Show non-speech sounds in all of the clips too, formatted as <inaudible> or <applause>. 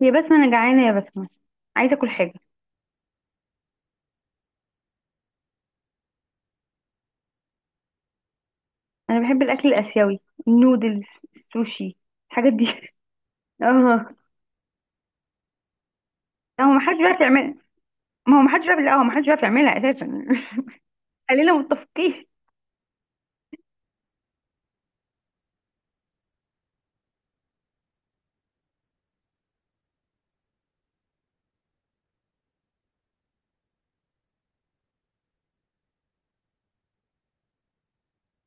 يا بسمة أنا جعانة يا بسمة، عايزة أكل حاجة. أنا بحب الأكل الآسيوي، النودلز، السوشي، الحاجات دي. <laughs> اه. لا، هو محدش بيعرف يعملها. ما هو محدش بيعرف، لا، هو محدش بيعرف يعملها أساسا. <laughs> خلينا متفقين.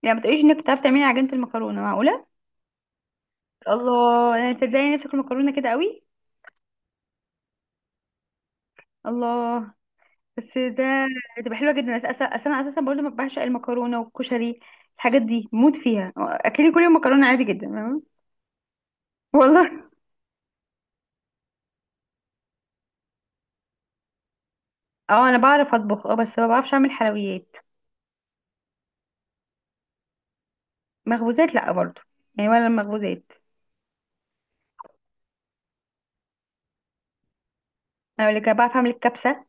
يعني ما تقوليش إنك بتعرف تعملي عجينة المكرونة، معقولة؟ الله، أنا تصدقي نفسي أكل مكرونة كده قوي. الله. بس ده تبقى حلوة جدا. أصل أنا أساسا برضه ما بعشق المكرونة والكشري، الحاجات دي موت فيها. أكلي كل يوم مكرونة عادي جدا، تمام؟ والله. اه أنا بعرف أطبخ، اه بس ما بعرفش أعمل حلويات. مخبوزات لا برضو، يعني ولا المخبوزات. انا اللي كان بعرف اعمل الكبسه،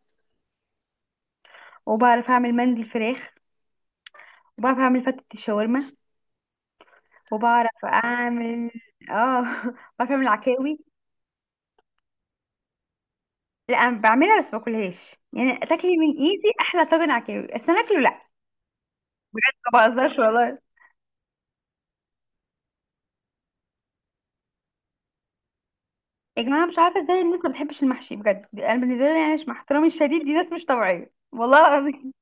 وبعرف اعمل مندي الفراخ، وبعرف اعمل فتة الشاورما، وبعرف اعمل. اه. <laughs> بعرف اعمل عكاوي. لا أنا بعملها بس باكلهاش، يعني تاكلي من ايدي احلى طاجن عكاوي، بس انا اكله لا. ما بهزرش والله. يا جماعه مش عارفه ازاي الناس ما بتحبش المحشي، بجد انا بالنسبه لي، يعني مش مع احترامي الشديد، دي ناس مش طبيعيه والله العظيم.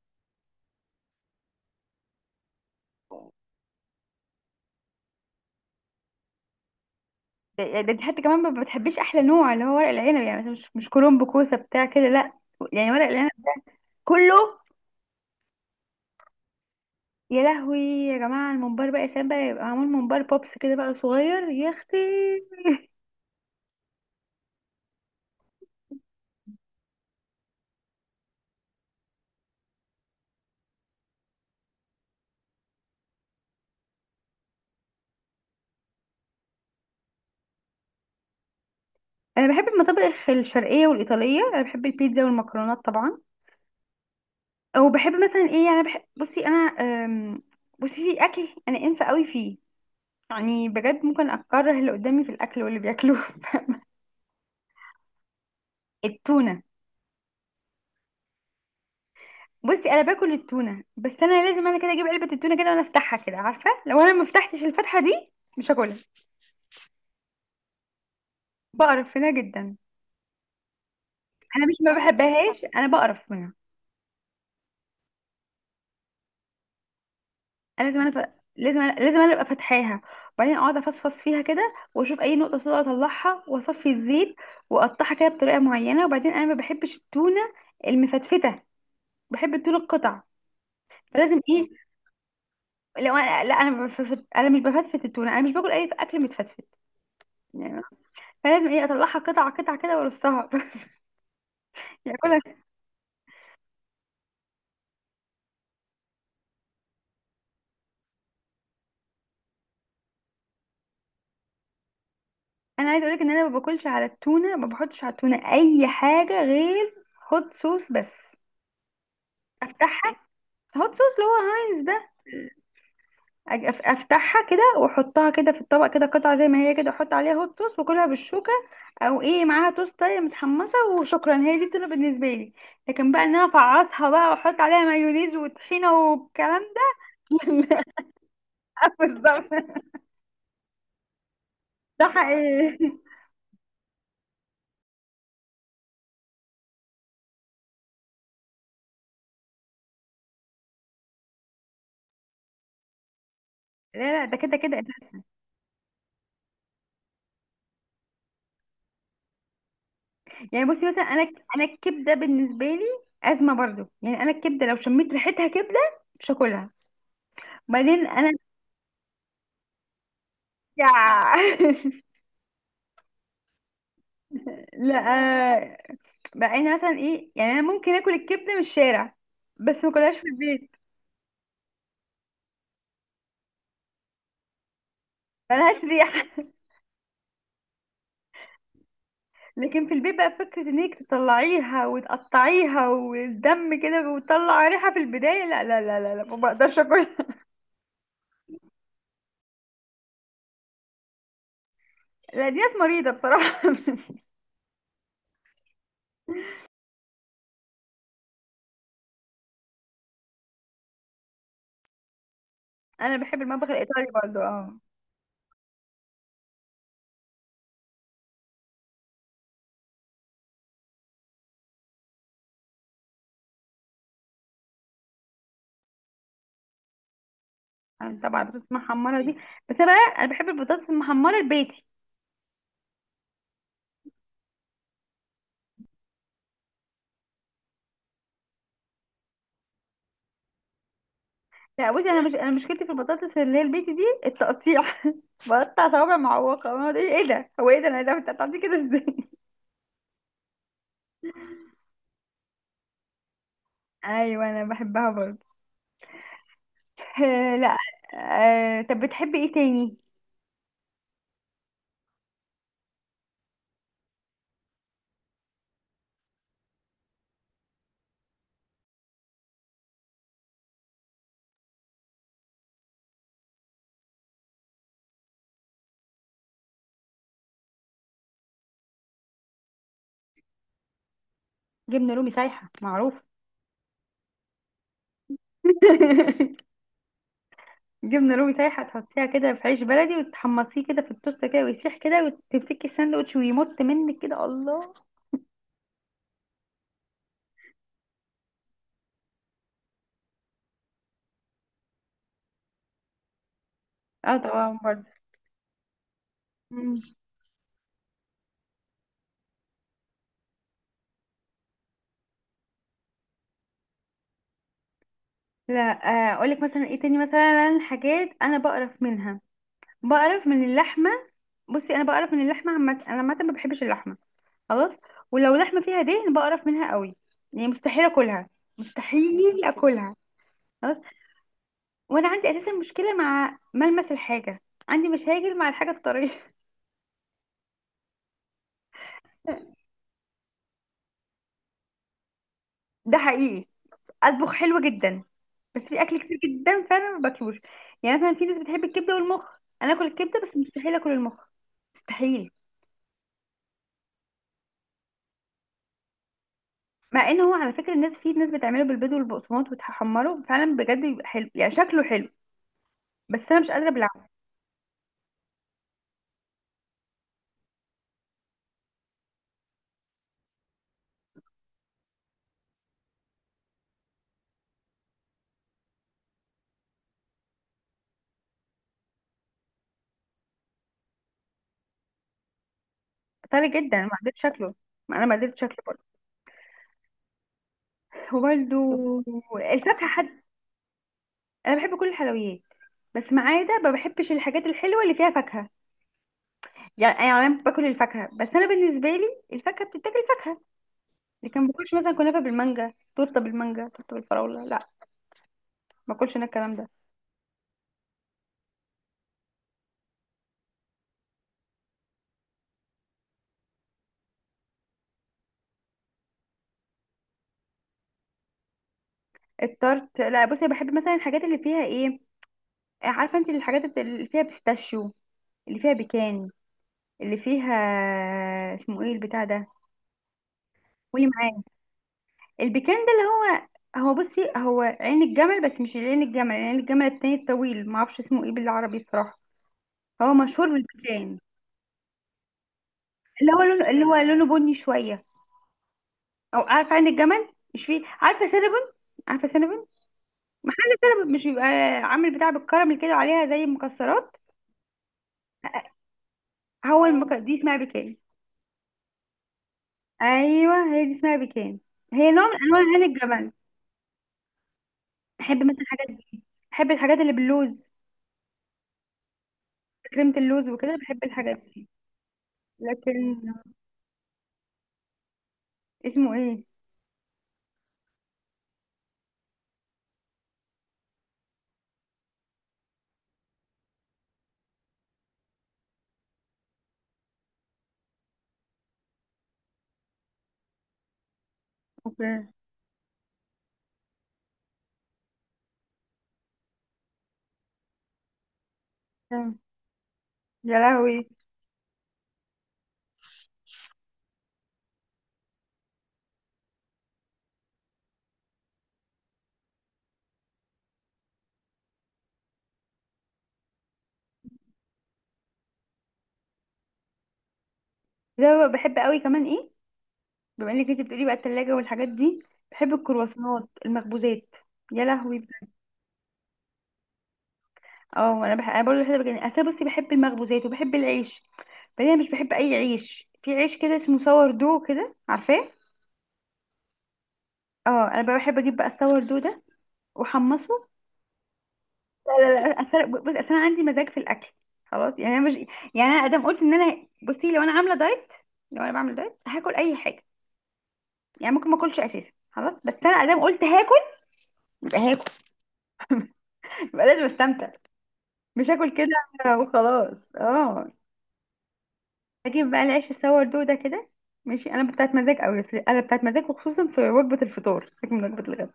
ده ده دي حتى كمان ما بتحبيش احلى نوع اللي هو ورق العنب، يعني مثلا، مش كرنب كوسه بتاع كده لا، يعني ورق العنب. كله. يا لهوي يا جماعة الممبار بقى، يا سلام بقى، يبقى معمول ممبار بوبس كده بقى صغير يا اختي. انا بحب المطابخ الشرقية والإيطالية، انا بحب البيتزا والمكرونات طبعا. او بحب مثلا ايه، يعني بحب، بصي انا، بصي في اكل انا انفه قوي فيه، يعني بجد ممكن اكره اللي قدامي في الاكل واللي بياكلوه. <laughs> التونة. بصي انا باكل التونة، بس انا لازم انا كده اجيب علبة التونة كده وانا افتحها كده، عارفة؟ لو انا ما فتحتش الفتحة دي مش هاكلها. بقرف منها جدا. انا مش ما بحبهاش، انا بقرف منها. انا لازم انا ف... لازم أنا، لازم انا ابقى فاتحاها، وبعدين اقعد افصفص فيها كده واشوف اي نقطه سوداء اطلعها واصفي الزيت، واقطعها كده بطريقه معينه، وبعدين انا ما بحبش التونه المفتفته، بحب التونه القطع. فلازم ايه، لو انا لا انا بفت... انا مش بفتفت التونه، انا مش باكل اي اكل متفتفت يعني. فلازم ايه اطلعها قطع قطع كده وارصها. <laughs> يعني أكلها. انا عايزه اقولك ان انا ما باكلش على التونه، ما بحطش على التونه اي حاجه غير هوت صوص بس. افتحها. هوت صوص اللي هو هاينز ده. افتحها كده واحطها كده في الطبق كده قطعه زي ما هي كده، احط عليها هوت صوص واكلها بالشوكه، او ايه معاها توستايه متحمسه، وشكرا، هي دي بتبقى بالنسبه لي. لكن بقى ان انا افعصها بقى واحط عليها مايونيز وطحينه والكلام ده. <laughs> لا. بالظبط. ده حقيقي. لا لا، ده كده كده اساسا. يعني بصي مثلا انا، انا الكبده بالنسبه لي ازمه برضو، يعني انا الكبده لو شميت ريحتها كبده مش هاكلها. وبعدين انا. <laughs> يا. لا. بقى انا مثلا ايه يعني، انا ممكن اكل الكبده من الشارع بس ما اكلهاش في البيت. ملهاش ريحه. <laughs> لكن في البيت بقى فكره انك تطلعيها وتقطعيها والدم كده وتطلع ريحه في البدايه، لا لا لا لا، لا ما بقدرش اكل. <laughs> لا دي ناس مريضه بصراحه. <laughs> انا بحب المطبخ الايطالي برضو اه. انا طبعا البطاطس المحمره دي، بس انا بقى انا بحب البطاطس المحمره البيتي. لا بصي انا، مش انا مشكلتي في البطاطس اللي هي البيتي دي التقطيع. <laughs> بقطع صوابع معوقة أنا، ده ايه ده، هو ايه ده، انا إيه ده، بتقطعتي كده ازاي؟ <laughs> ايوه انا بحبها برضه. <laughs> آه، لا. آه، طب بتحبي ايه تاني؟ جبنة رومي سايحة معروف. <laughs> جبنة رومي سايحة تحطيها كده في عيش بلدي وتحمصيه كده في التوست كده ويسيح كده وتمسكي الساندوتش ويمط منك كده، الله. اه طبعا برضه. مم. لا. آه، اقولك مثلا ايه تاني، مثلا حاجات انا بقرف منها، بقرف من اللحمة. بصي انا بقرف من اللحمة عامة، انا عامة ما بحبش اللحمة، خلاص. ولو لحمة فيها دهن بقرف منها قوي، يعني مستحيل اكلها، مستحيل اكلها، خلاص. وانا عندي اساسا مشكلة مع ملمس الحاجة، عندي مشاكل مع الحاجة الطرية. <laughs> ده حقيقي. اطبخ حلو جدا، بس في اكل كتير جدا فعلا ما باكلوش. يعني مثلا في ناس بتحب الكبدة والمخ، انا اكل الكبدة بس مستحيل اكل المخ، مستحيل. مع ان هو على فكرة الناس، في ناس بتعمله بالبيض والبقسماط وتحمره فعلا بجد بيبقى حلو، يعني شكله حلو، بس انا مش قادرة ابلعه. طري جدا ما قدرتش شكله. ما انا ما قدرتش شكله، هو برضه. الفاكهة حد. أنا بحب كل الحلويات، بس ما عدا ما بحبش الحاجات الحلوة اللي فيها فاكهة. يعني، يعني أنا باكل الفاكهة بس أنا بالنسبة لي الفاكهة بتتاكل فاكهة، لكن ما باكلش مثلا كنافة بالمانجا، تورتة بالمانجا، تورتة بالفراولة، لا. ما باكلش أنا الكلام ده. التارت لا، بصي بحب مثلا الحاجات اللي فيها إيه، عارفة أنت الحاجات اللي فيها بيستاشيو، اللي فيها بيكان، اللي فيها، اسمه إيه البتاع ده؟ قولي. البيكان ده اللي هو، هو بصي هو عين الجمل، بس مش عين الجمل، عين الجمل التاني الطويل، ما اعرفش اسمه ايه بالعربي بصراحة، هو مشهور بالبيكان. اللي هو لونه، اللي هو لونه بني شوية. او عارفة عين الجمل مش فيه، عارفة سينابون؟ عارفة سينابون؟ محل سينابون، مش بيبقى عامل بتاع بالكراميل كده وعليها زي المكسرات. دي اسمها بيكان. ايوه هي دي اسمها بيكان، هي نوع من انواع عين الجمل. بحب مثلا الحاجات دي، بحب الحاجات اللي باللوز، كريمة اللوز وكده، بحب الحاجات دي. لكن. اسمه ايه؟ اوكي. تمام. يا لهوي. ده بحب قوي كمان ايه، بما انك انت بتقولي بقى التلاجة والحاجات دي، بحب الكرواسونات، المخبوزات، يا لهوي. اه انا بحب، انا برضه بحب، يعني انا بصي بحب المخبوزات وبحب العيش. بعدين انا مش بحب اي عيش، في عيش كده اسمه سور دو كده، عارفاه؟ اه انا بقى بحب اجيب بقى السور دو ده واحمصه. لا لا لا أسر... بص اصل انا عندي مزاج في الاكل، خلاص، يعني انا مش، يعني انا ادام قلت ان انا، بصي لو انا عامله دايت، لو انا بعمل دايت هاكل اي حاجه، يعني ممكن ما اكلش اساسا خلاص، بس انا ادام قلت هاكل <laughs> يبقى لازم استمتع، مش هاكل كده وخلاص اه. اجيب بقى العيش السور ده كده، ماشي، انا بتاعت مزاج قوي، اصل انا بتاعت مزاج وخصوصا في وجبه الفطار، سيبك من وجبه الغداء.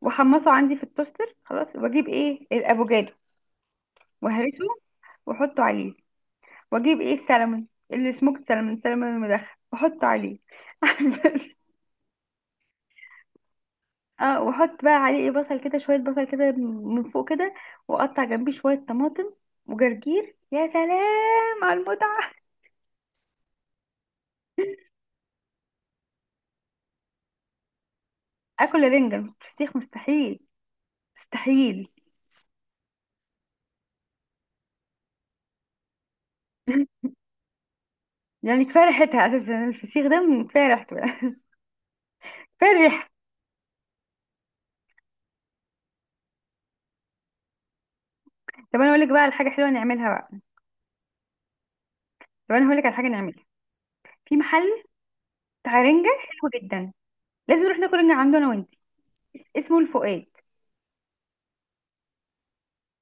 واحمصه عندي في التوستر خلاص، واجيب ايه الافوكادو وهرسه، واحطه عليه، واجيب ايه السلمون السموكت سلمون، السلمون المدخن، واحطه عليه. <laughs> اه، واحط بقى عليه ايه، بصل كده، شويه بصل كده من فوق كده، واقطع جنبيه شويه طماطم وجرجير، يا سلام على المتعه. اكل رنجة فسيخ مستحيل، مستحيل. <laughs> يعني كفايه ريحتها اساسا، الفسيخ ده من كفايه ريحته بقى، كفايه الريحه. طب انا اقول لك بقى على حاجه حلوه نعملها بقى، طب انا هقول لك على حاجه نعملها. في محل بتاع رنجة حلو جدا، لازم نروح ناكل رنجة عنده انا وانت. اسمه الفؤاد.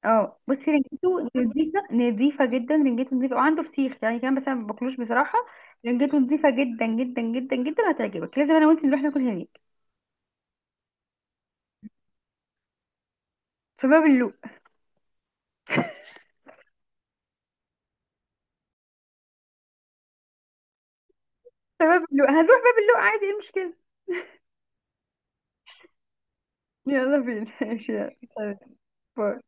اه بصي رنجته نظيفه، نظيفه جدا، رنجته نظيفه، وعنده فسيخ يعني كمان بس انا ما باكلوش بصراحه. رنجته نظيفه جدا جدا جدا جدا، هتعجبك، لازم انا وانت نروح ناكل هناك. في باب اللوق. في باب اللوق، هنروح باب اللوق عادي، ايه المشكله؟ يلا بينا. <laughs> ماشي، يلا. باي.